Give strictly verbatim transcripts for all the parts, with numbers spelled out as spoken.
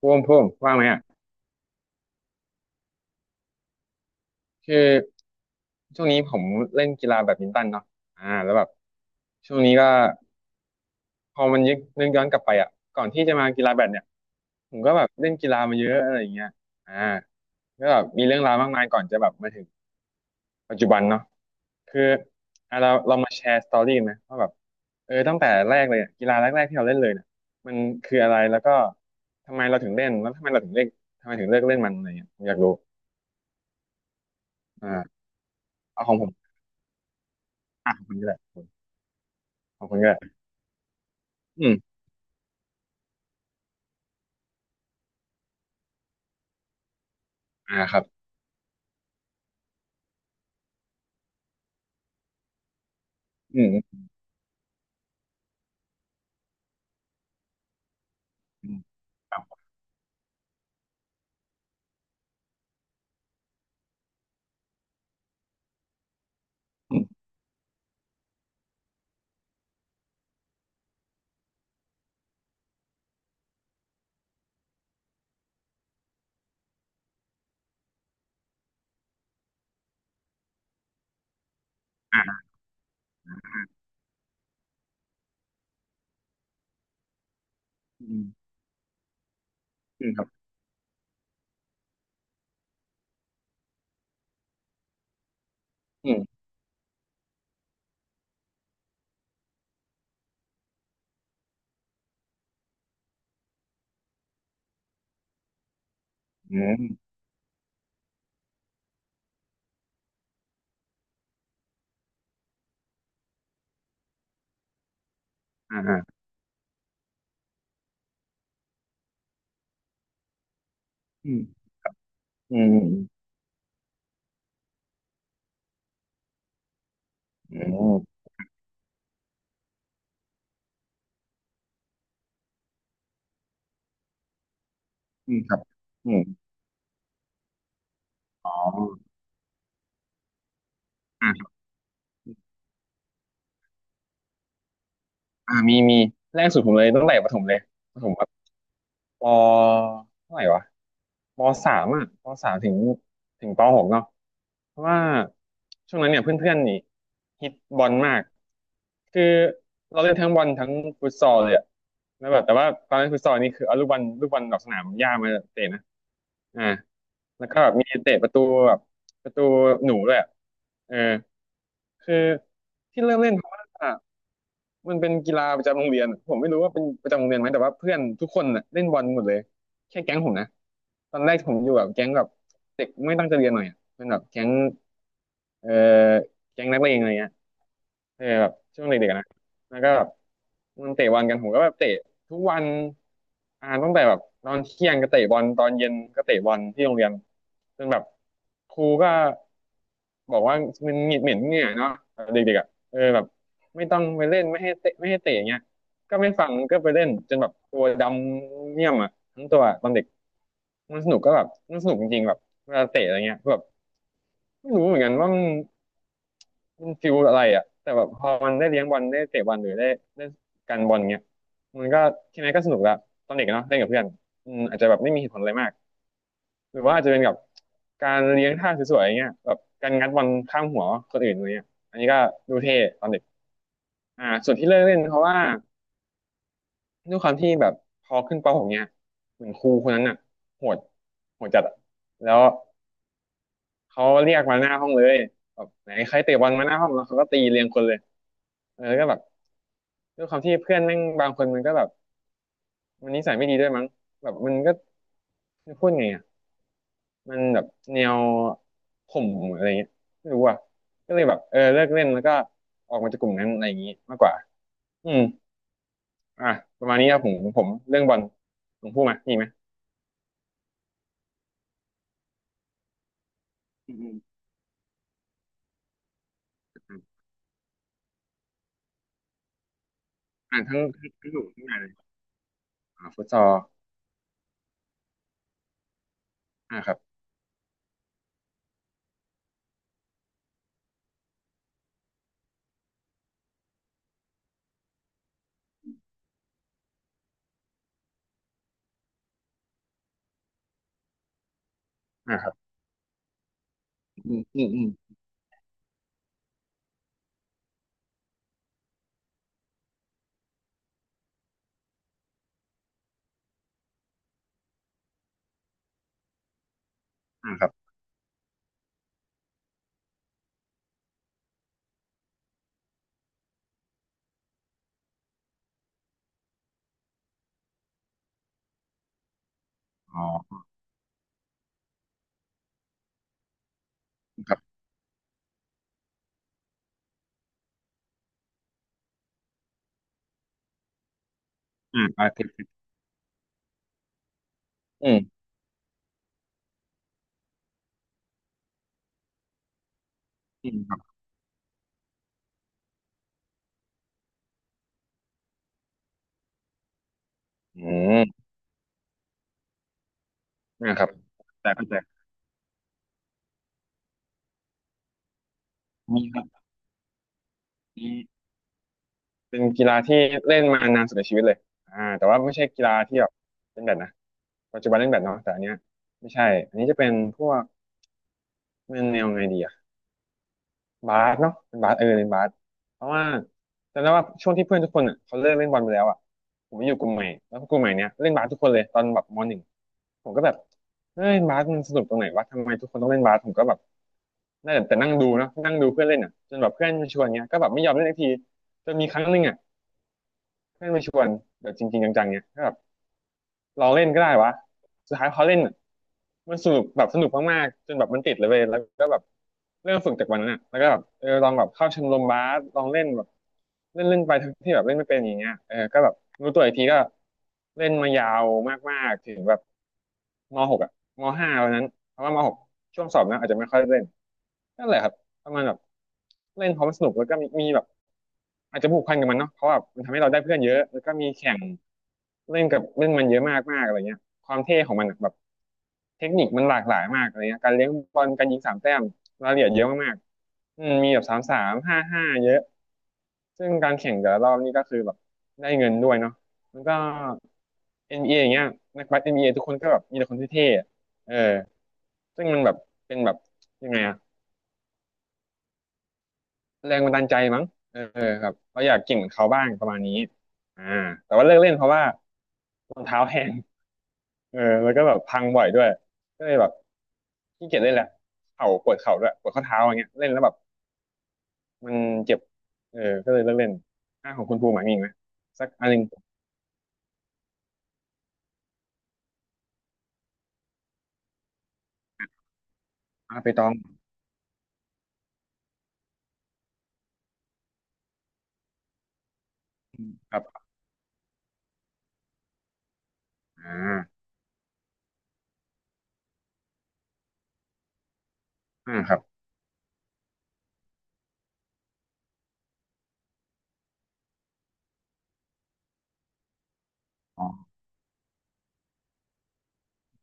พวงพวงว่างไหมอ่ะคือช่วงนี้ผมเล่นกีฬาแบดมินตันเนาะอ่าแล้วแบบช่วงนี้ก็พอมันยึกนึกย้อนกลับไปอ่ะก่อนที่จะมากีฬาแบดเนี่ยผมก็แบบเล่นกีฬามาเยอะอะไรอย่างเงี้ยอ่าก็แบบมีเรื่องราวมากมายก่อนจะแบบมาถึงปัจจุบันเนาะคืออ่ะเราเรามาแชร์สตอรี่กันไหมว่าแบบเออตั้งแต่แรกเลยอะกีฬาแรกๆที่เราเล่นเลยเนี่ยมันคืออะไรแล้วก็ทำไมเราถึงเล่นแล้วทำไมเราถึงเล่นทำไมถึงเลิกเล่นมันอะไรเงี้ยผมอยากรู้อ่าเอาของผมอ่ะของคุณก็ได้ ขอบคุณครับอืมอ่าครับอืมอืมครับอืมอ่าอืมอืมครับอืมอืมอ่าอ่าือืมอืมอืมอืมครับอืมอ๋ออ่าครับอ่ามี มี แรกสุดผมเลยตั้งแต่ประถมเลยประถมแบบปเท่าไหร่วะปสามอ่ะปสามถึงถึงปหกเนาะ เพราะว่าช่วงนั้นเนี่ยเพื่อนๆนี่ฮิตบอลมากคือเราเล่นทั้งบอลทั้งฟุตซอลเลยอะแล้วแบบแต่ว่าตอนเล่นฟุตซอลนี่คือเอาลูกบอลลูกบอลดอกสนามหญ้ามาเตะนะอ่าแล้วก็แบบมีเตะประตูแบบประตูหนูด้วยอะเออคือที่เริ่มเล่นเพราะว่า มันเป็นกีฬาประจำโรงเรียนผมไม่รู้ว่าเป็นประจำโรงเรียนไหมแต่ว่าเพื่อนทุกคนน่ะเล่นบอลหมดเลยแค่แก๊งผมนะตอนแรกผมอยู่แบบแก๊งแบบเด็กไม่ตั้งใจเรียนหน่อยอะเป็นแบบแก๊งเอ่อแก๊งนักเลงอะไรเงี้ย เออแบบช่วงเด็กๆนะแล้วก็แบบมันเตะบอลกันผมก็แบบเตะทุกวันอ่าตั้งแต่แบบตอนเที่ยงก็เตะบอลตอนเย็นก็เตะบอลที่โรงเรียนจนแบบครูก็บอกว่ามันเหม็นเหม็นเหงื่อเนาะแบบเด็กๆอ่ะเออแบบไม่ต้องไปเล่นไม่ให้เตะไม่ให้เตะอย่างเงี้ยก็ไม่ฟังก็ไปเล่นจนแบบตัวดำเนี่ยมอ่ะทั้งตัวตอนเด็กมันสนุกก็แบบมันสนุกจริงๆแบบเวลาเตะอะไรเงี้ยแบบไม่รู้เหมือนกันว่ามัน มันฟิลอะไรอ่ะแต่แบบพอมันได้เลี้ยงบอลได้เตะบอลหรือได้ได้กันบอลเงี้ยมันก็แค่นั้นก็สนุกละตอนเด็กอะเนาะเล่นกับเพื่อนอืมอาจจะแบบไม่มีเหตุผลอะไรมากหรือว่าอาจจะเป็นกับการเลี้ยงท่าสวยๆอย่างเงี้ยแบบการงัดบอลข้ามหัวคนอื่นอะไรเงี้ยอันนี้ก็ดูเท่ตอนเด็กอ่าส่วนที่เลิกเล่นเพราะว่าด้วยความที่แบบพอขึ้นป .หก เงี้ยเหมือนครูคนนั้นอ่ะโหดโหดจัดอะแล้วเขาเรียกมาหน้าห้องเลยแบบไหนใครเตะบอลมาหน้าห้องแล้วเขาก็ตีเรียงคนเลยเออแล้วก็แบบ ด้วยความที่เพื่อนแม่งบางคนมันก็แบบมันนิสัยไม่ดีด้วยมั้งแบบมันก็พูดไงอ่ะมันแบบแนวข่มอะไรเงี้ยไม่รู้อ่ะก็เลยแบบเออเลิกเล่นแล้วก็ออกมาจากกลุ่มนั้นอะไรอย่างงี้มากกว่าอืมอ่ะประมาณนี้ครับผมผมเรื่องบอลผมพูดมามีไหมอืมอืมอ่าทั้งทั้งทั้งหนุ่มทั้งนายเลยอ่าฟุตซอลอ่าครับอ่าครับอืมอืมอืมอ่าครับอ๋อครับอ่าอ่าติดติดอืมอืมครับอืมอ่าครับแต่ก็แต่มีครับ เป็นกีฬาที่เล่นมานานสุดในชีวิตเลยอ่าแต่ว่าไม่ใช่กีฬาที่แบบเล่นแบดนะปัจจุบันเล่นแบดเนาะแต่อันเนี้ยไม่ใช่อันนี้จะเป็นพวกเป็นแนวไงดีอะบาสเนาะเป็นบาสเออเป็นบาสเพราะว่าจำได้ว่าช่วงที่เพื่อนทุกคนอ่ะเขาเลิกเล่นบอลไปแล้วอ่ะผมมาอยู่กลุ่มใหม่แล้วกลุ่มใหม่เนี้ยเล่นบาสทุกคนเลยตอนแบบมหนึ่งผมก็แบบเฮ้ยบาสมันสนุกตรงไหนวะทำไมทุกคนต้องเล่นบาสผมก็แบบได้แต่แต่นั่งดูเนาะนั่งดูเพื่อนเล่นอ่ะจนแบบเพื่อนมาชวนเงี้ยก็แบบไม่ยอมเล่นสักทีจนมีครั้งหนึ่งอ่ะเพื่อนมาชวนแบบจริงๆจังๆเงี้ยก็แบบ เราเล่นก็ได้วะ สุดท้ายพอเล่นอะมันสนุกแบบสนุกมากๆจนแบบมันติดเลยเว้ยแล้วก็แบบเริ่มฝึกจากวันนั้นอ่ะแล้วก็แบบเออลองแบบเข้าชมรมบาสลองเล่นแบบเล่นเล่นไปทั้งที่แบบเล่นไม่เป็นอย่างเงี้ยเออก็แบบรู้ตัวอีกทีก็เล่นมายาวมากๆถึงแบบมหกอ่ะมห้าวันนั้นเพราะว่ามหกช่วงสอบนะอาจจะไม่ค่อยได้เล่นนั่นแหละครับ ประมาณแบบเล่นเพราะมันสนุกแล้วก็มีมีแบบอาจจะผูกพันกับมันเนาะเพราะแบบมันทำให้เราได้เพื่อนเยอะแล้วก็มีแข่งเล่นกับเล่นมันเยอะมากมากอะไรเงี้ยความเท่ของมันอะแบบเทคนิคมันหลากหลายมากอะไรเงี้ยการเลี้ยงบอลการยิงสามแต้มรายละเอียดเยอะมากๆอืมมีแบบสามสามห้าห้าเยอะซึ่งการแข่งแต่ละรอบนี่ก็คือแบบได้เงินด้วยเนาะมันก็ เอ็น บี เอ อนบีเออย่างเงี้ยนักบาส n เอทุกคนก็แบบมีแต่คนที่เท่ๆเออซึ่งมันแบบเป็นแบบยังไงอะ แรงบันดาลใจมั้งเออครับเราอยากเกินเหมือนเขาบ้างประมาณนี้อ่าแต่ว่าเลิกเล่นเพราะว่ารองเท้าแพงเออแล้วก็แบบพังบ่อยด้วยก็เลยแบบขี้เกียจเล่นแหละเข่าปวดเข่าด้วยปวดข้อเท้าอย่างเงี้ยเล่นแล้วแบบมันเจ็บเออก็เลยเลิกเล่นอ่าของคุณภูมิหมายมีอีกไหมสักอันหนึ่งอ่าไปตองครับอ่าอ่าครับอ๋อ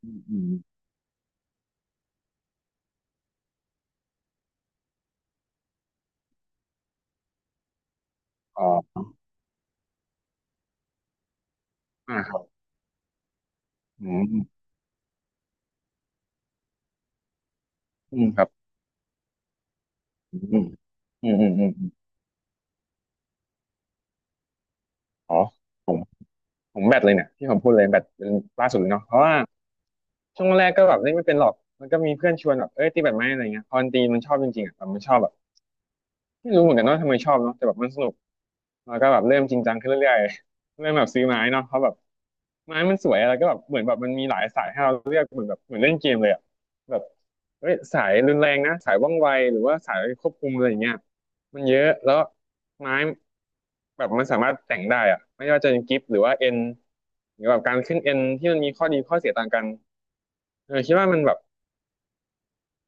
อืมอืมอ๋ออ่าครับอืมอืมครับอืมอืมอืมอืมอืมอ๋อผมผมแบตเลยเนี่ยที่ผมพูดเลยแบตเป็นล่าสุดเลยเนาะเพราะว่า ช่วงแรกก็แบบเล่นไม่เป็นหรอก มันก็มีเพื่อนชวนแบบเอ้ยตีแบดไหมอะไรเงี้ยพอมันตีมันชอบจริงๆอ่ะแบบมันชอบแบบไม่รู้เหมือนกันว่าทำไมชอบเนาะแต่แบบมันสนุกแล้วก็แบบเริ่มจริงจังขึ้นเรื่อยๆเริ่มแบบซื้อไม้เนาะเพราะแบบไม้มันสวยอะไรก็แบบเหมือนแบบมันมีหลายสายให้เราเลือกเหมือนแบบเหมือนเล่นเกมเลยอ่ะแบบเอ้ยสายรุนแรงนะสายว่องไว หรือว่าสายควบคุมอะไรอย่างเงี้ยมันเยอะ แล้วไม้แบบมันสามารถแต่งได้อ่ะไม่ว่าจะเป็นกิฟหรือว่าเอ็นหรือแบบการขึ้นเอ็นที่มันมีข้อดีข้อเสียต่างกันเออคิดว่ามันแบบ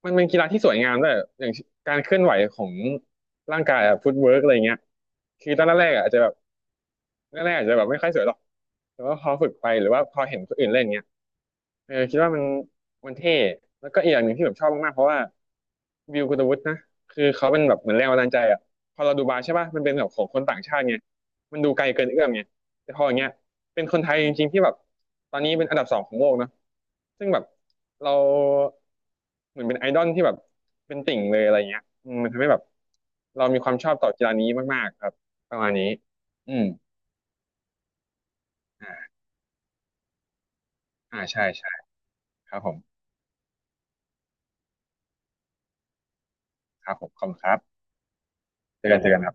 มันเป็นกีฬาที่สวยงามด้วยอย่างการเคลื่อนไหวของร่างกายอะฟุตเวิร์กอะไรเงี้ยคือตอนแรกๆอะอาจจะแบบแรกๆอาจจะแบบไม่ค่อยสวยหรอกแต่ว่าพอฝึกไปหรือว่าพอเห็นคนอื่นเล่นเงี้ย เออคิดว่ามันมันเท่แล้วก็อีกอย่างหนึ่งที่แบบชอบมากๆเพราะว่าวิวกุตวุฒินะคือเขาเป็นแบบเหมือนแรงบันดาลใจอ่ะพอเราดูบาร์ใช่ป่ะมันเป็นแบบของคนต่างชาติไงมันดูไกลเกินเอื้อมไงแต่พออย่างเงี้ยเป็นคนไทยจริงๆที่แบบตอนนี้เป็นอันดับสองของโลกเนอะซึ่งแบบเราเหมือนเป็นไอดอลที่แบบเป็นติ่งเลยอะไรเงี้ยอืมมันทำให้แบบเรามีความชอบต่อกีฬานี้มากๆครับประมาณนี้อืมอ่าอ่าใช่ใช่ครับผมครับผมขอบคุณครับเจอกันเจอกันครับ